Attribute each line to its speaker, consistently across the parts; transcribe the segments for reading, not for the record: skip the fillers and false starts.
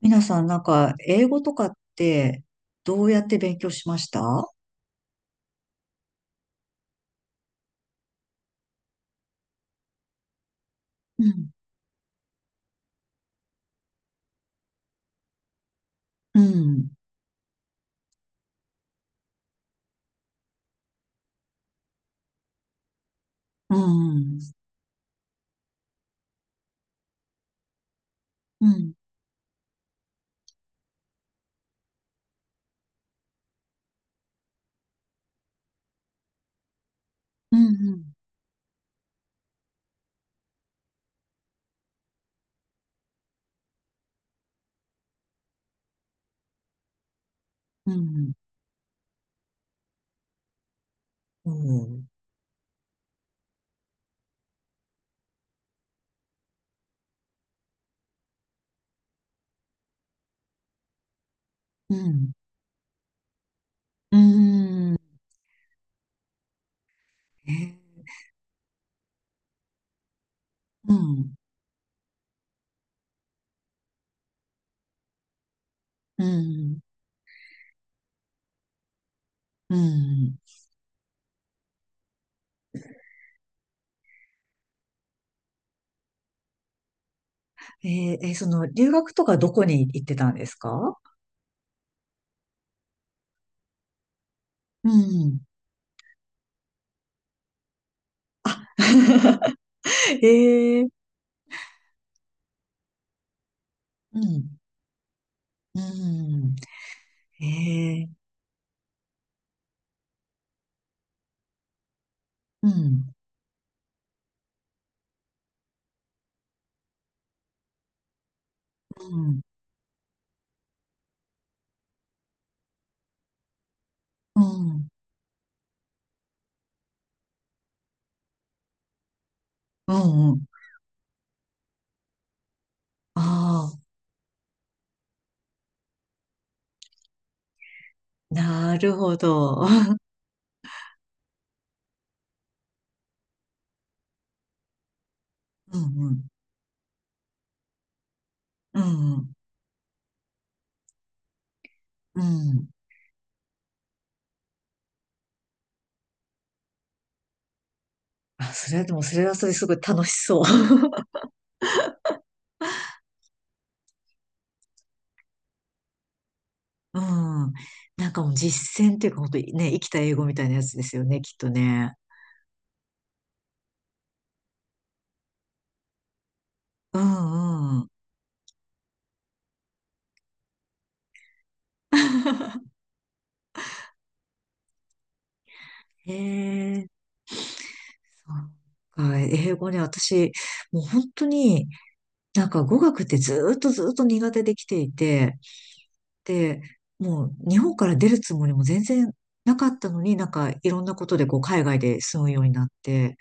Speaker 1: 皆さん、なんか、英語とかって、どうやって勉強しました？うん、うん、うん、うん、うん、うん、うん。うん、うん、うん、え。うん、うん、うん。えその、留学とかどこに行ってたんですか？うん。えー、うん、うん、えー、うん、うん、うん、うん、うん、ああ、なるほど。うんうん。うん。うん。あ、それでも、それはそれすごい楽しそう。うん。なんかもう実践っていうか、本当にね、生きた英語みたいなやつですよね、きっとね。うんうん。へえ、そうか、英語ね、私、もう本当に、なんか語学ってずーっとずーっと苦手できていて、で、もう日本から出るつもりも全然なかったのに、なんかいろんなことでこう海外で住むようになって、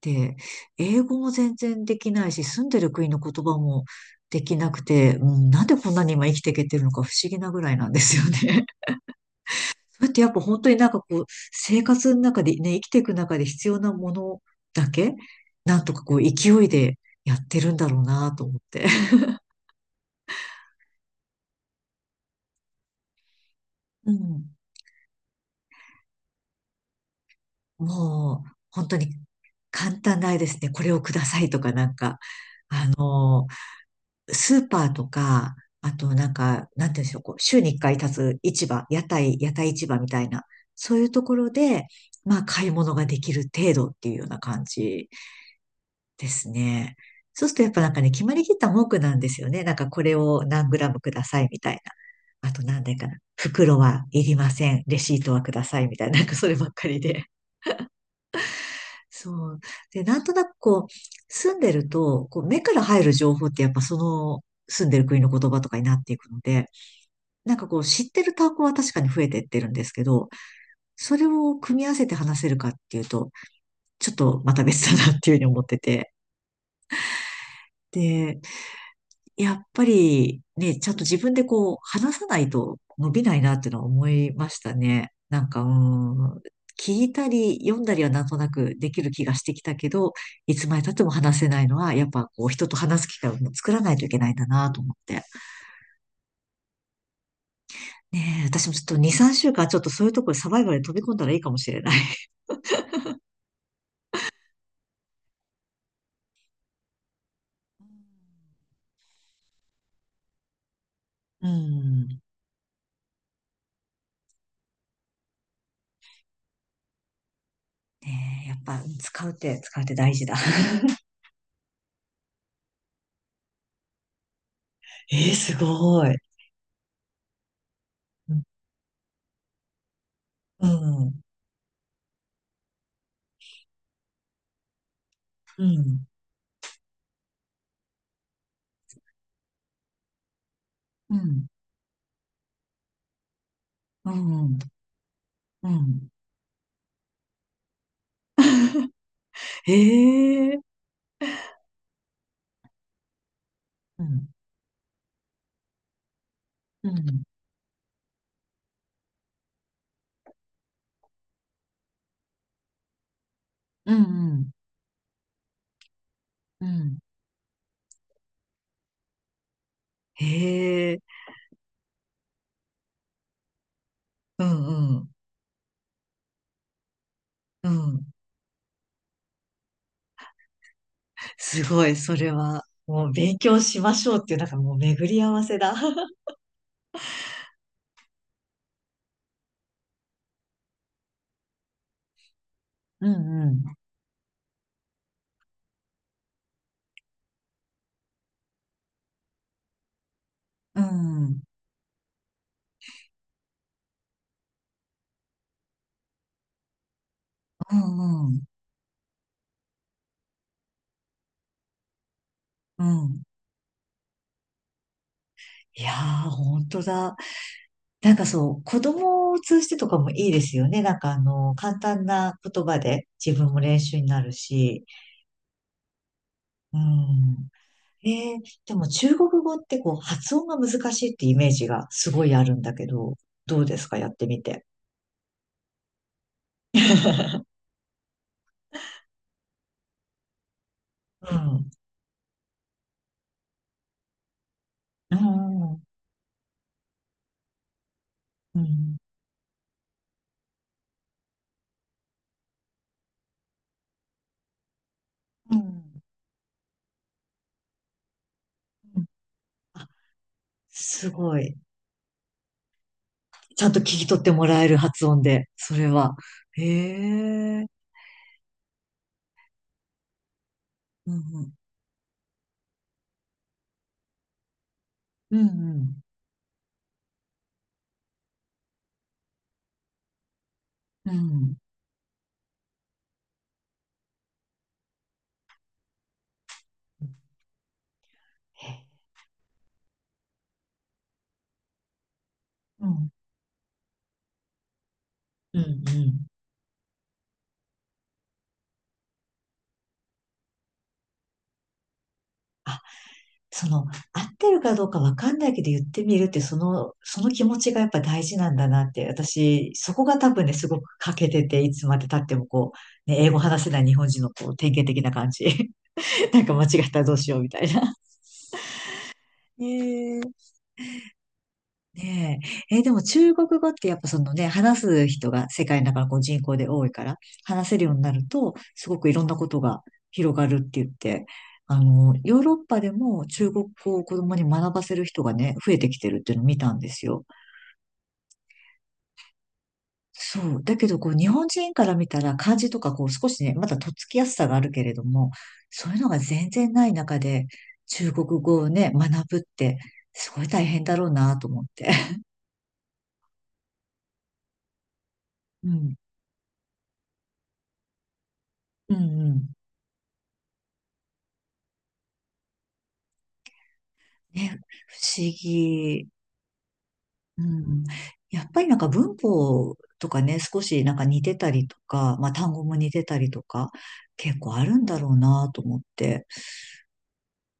Speaker 1: で、英語も全然できないし、住んでる国の言葉もできなくて、うん、なんでこんなに今生きていけてるのか不思議なぐらいなんですよね。それってやっぱ本当になんかこう、生活の中でね、生きていく中で必要なものだけ、なんとかこう、勢いでやってるんだろうなと思って。うん。もう、本当に簡単ないですね。これをくださいとかなんか、あの、スーパーとか、あとなんか、なんていうんでしょう、こう、週に一回立つ市場、屋台市場みたいな、そういうところで、まあ、買い物ができる程度っていうような感じですね。そうするとやっぱなんかね、決まりきった文句なんですよね。なんかこれを何グラムくださいみたいな。あと何でかな。袋はいりません。レシートはくださいみたいな。なんかそればっかりで。そう。で、なんとなくこう、住んでると、こう、目から入る情報ってやっぱその、住んでる国の言葉とかになっていくので、なんかこう、知ってる単語は確かに増えてってるんですけど、それを組み合わせて話せるかっていうと、ちょっとまた別だなっていうふうに思ってて。でやっぱりね、ちゃんと自分でこう、話さないと伸びないなっていうのは思いましたね。なんか、聞いたり読んだりはなんとなくできる気がしてきたけど、いつまで経っても話せないのは、やっぱこう、人と話す機会を作らないといけないんだなと思って。ねえ、私もちょっと2、3週間ちょっとそういうところにサバイバルに飛び込んだらいいかもしれない。うん。ねえ、やっぱ使うって、使うって大事だ。ええ、すごい。うん。うん。うん。うん。うん。うん。へえ、うん、うん、うん、うん、うん。へえ、うんうん、うん。すごい、それは、もう勉強しましょうっていう、なんかもう巡り合わせだ。うん、うん、うん、うんうんうん。いやー、本当だ。なんかそう、子供を通してとかもいいですよね。なんかあの、簡単な言葉で自分も練習になるし。うん。ええ。でも中国語ってこう発音が難しいってイメージがすごいあるんだけど、どうですかやってみて。うん。うん。うん。うん。うん。あ、すごい。ちゃんと聞き取ってもらえる発音で、それは。へえ。うん。うん。うんうん。うん。へえ。うん。うん。うん。その、合ってるかどうかわかんないけど言ってみるって、その、その気持ちがやっぱ大事なんだなって、私、そこが多分ね、すごく欠けてて、いつまで経ってもこう、ね、英語話せない日本人のこう、典型的な感じ。なんか間違ったらどうしようみたいな。え。ねえ。でも中国語ってやっぱそのね、話す人が世界の中のこう人口で多いから、話せるようになると、すごくいろんなことが広がるって言って、あの、ヨーロッパでも中国語を子供に学ばせる人がね、増えてきてるっていうのを見たんですよ。そう。だけど、こう、日本人から見たら漢字とか、こう、少しね、まだとっつきやすさがあるけれども、そういうのが全然ない中で、中国語をね、学ぶって、すごい大変だろうなと思って。うん。うんうん。ね、不思議。うん。やっぱりなんか文法とかね、少しなんか似てたりとか、まあ単語も似てたりとか、結構あるんだろうなと思って。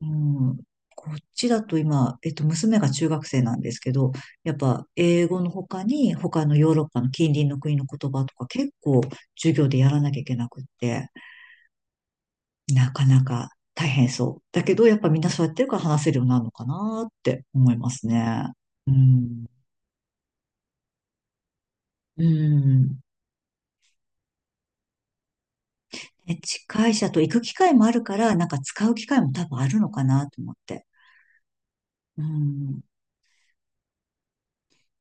Speaker 1: うん。こっちだと今、娘が中学生なんですけど、やっぱ英語の他に、他のヨーロッパの近隣の国の言葉とか結構授業でやらなきゃいけなくって、なかなか大変そう。だけど、やっぱみんなそうやってるから話せるようになるのかなって思いますね。うん。うん。ね。近いし、あと行く機会もあるから、なんか使う機会も多分あるのかなと思って。うん。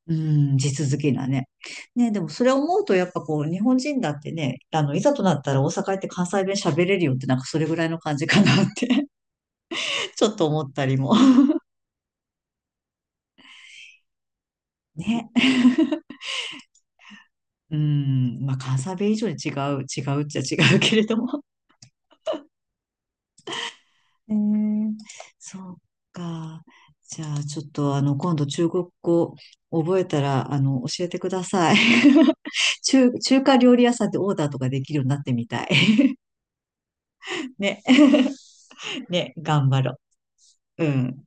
Speaker 1: うん、地続きなね。ね、でもそれを思うと、やっぱこう、日本人だってね、あの、いざとなったら大阪行って関西弁喋れるよって、なんかそれぐらいの感じかなって ちょっと思ったりも。ね。うん、まあ関西弁以上に違う、違うっちゃ違うけれども。えー、そうか。じゃあ、ちょっと、あの、今度、中国語覚えたら、あの、教えてください。中華料理屋さんでオーダーとかできるようになってみたい。ね。ね、頑張ろう。うん。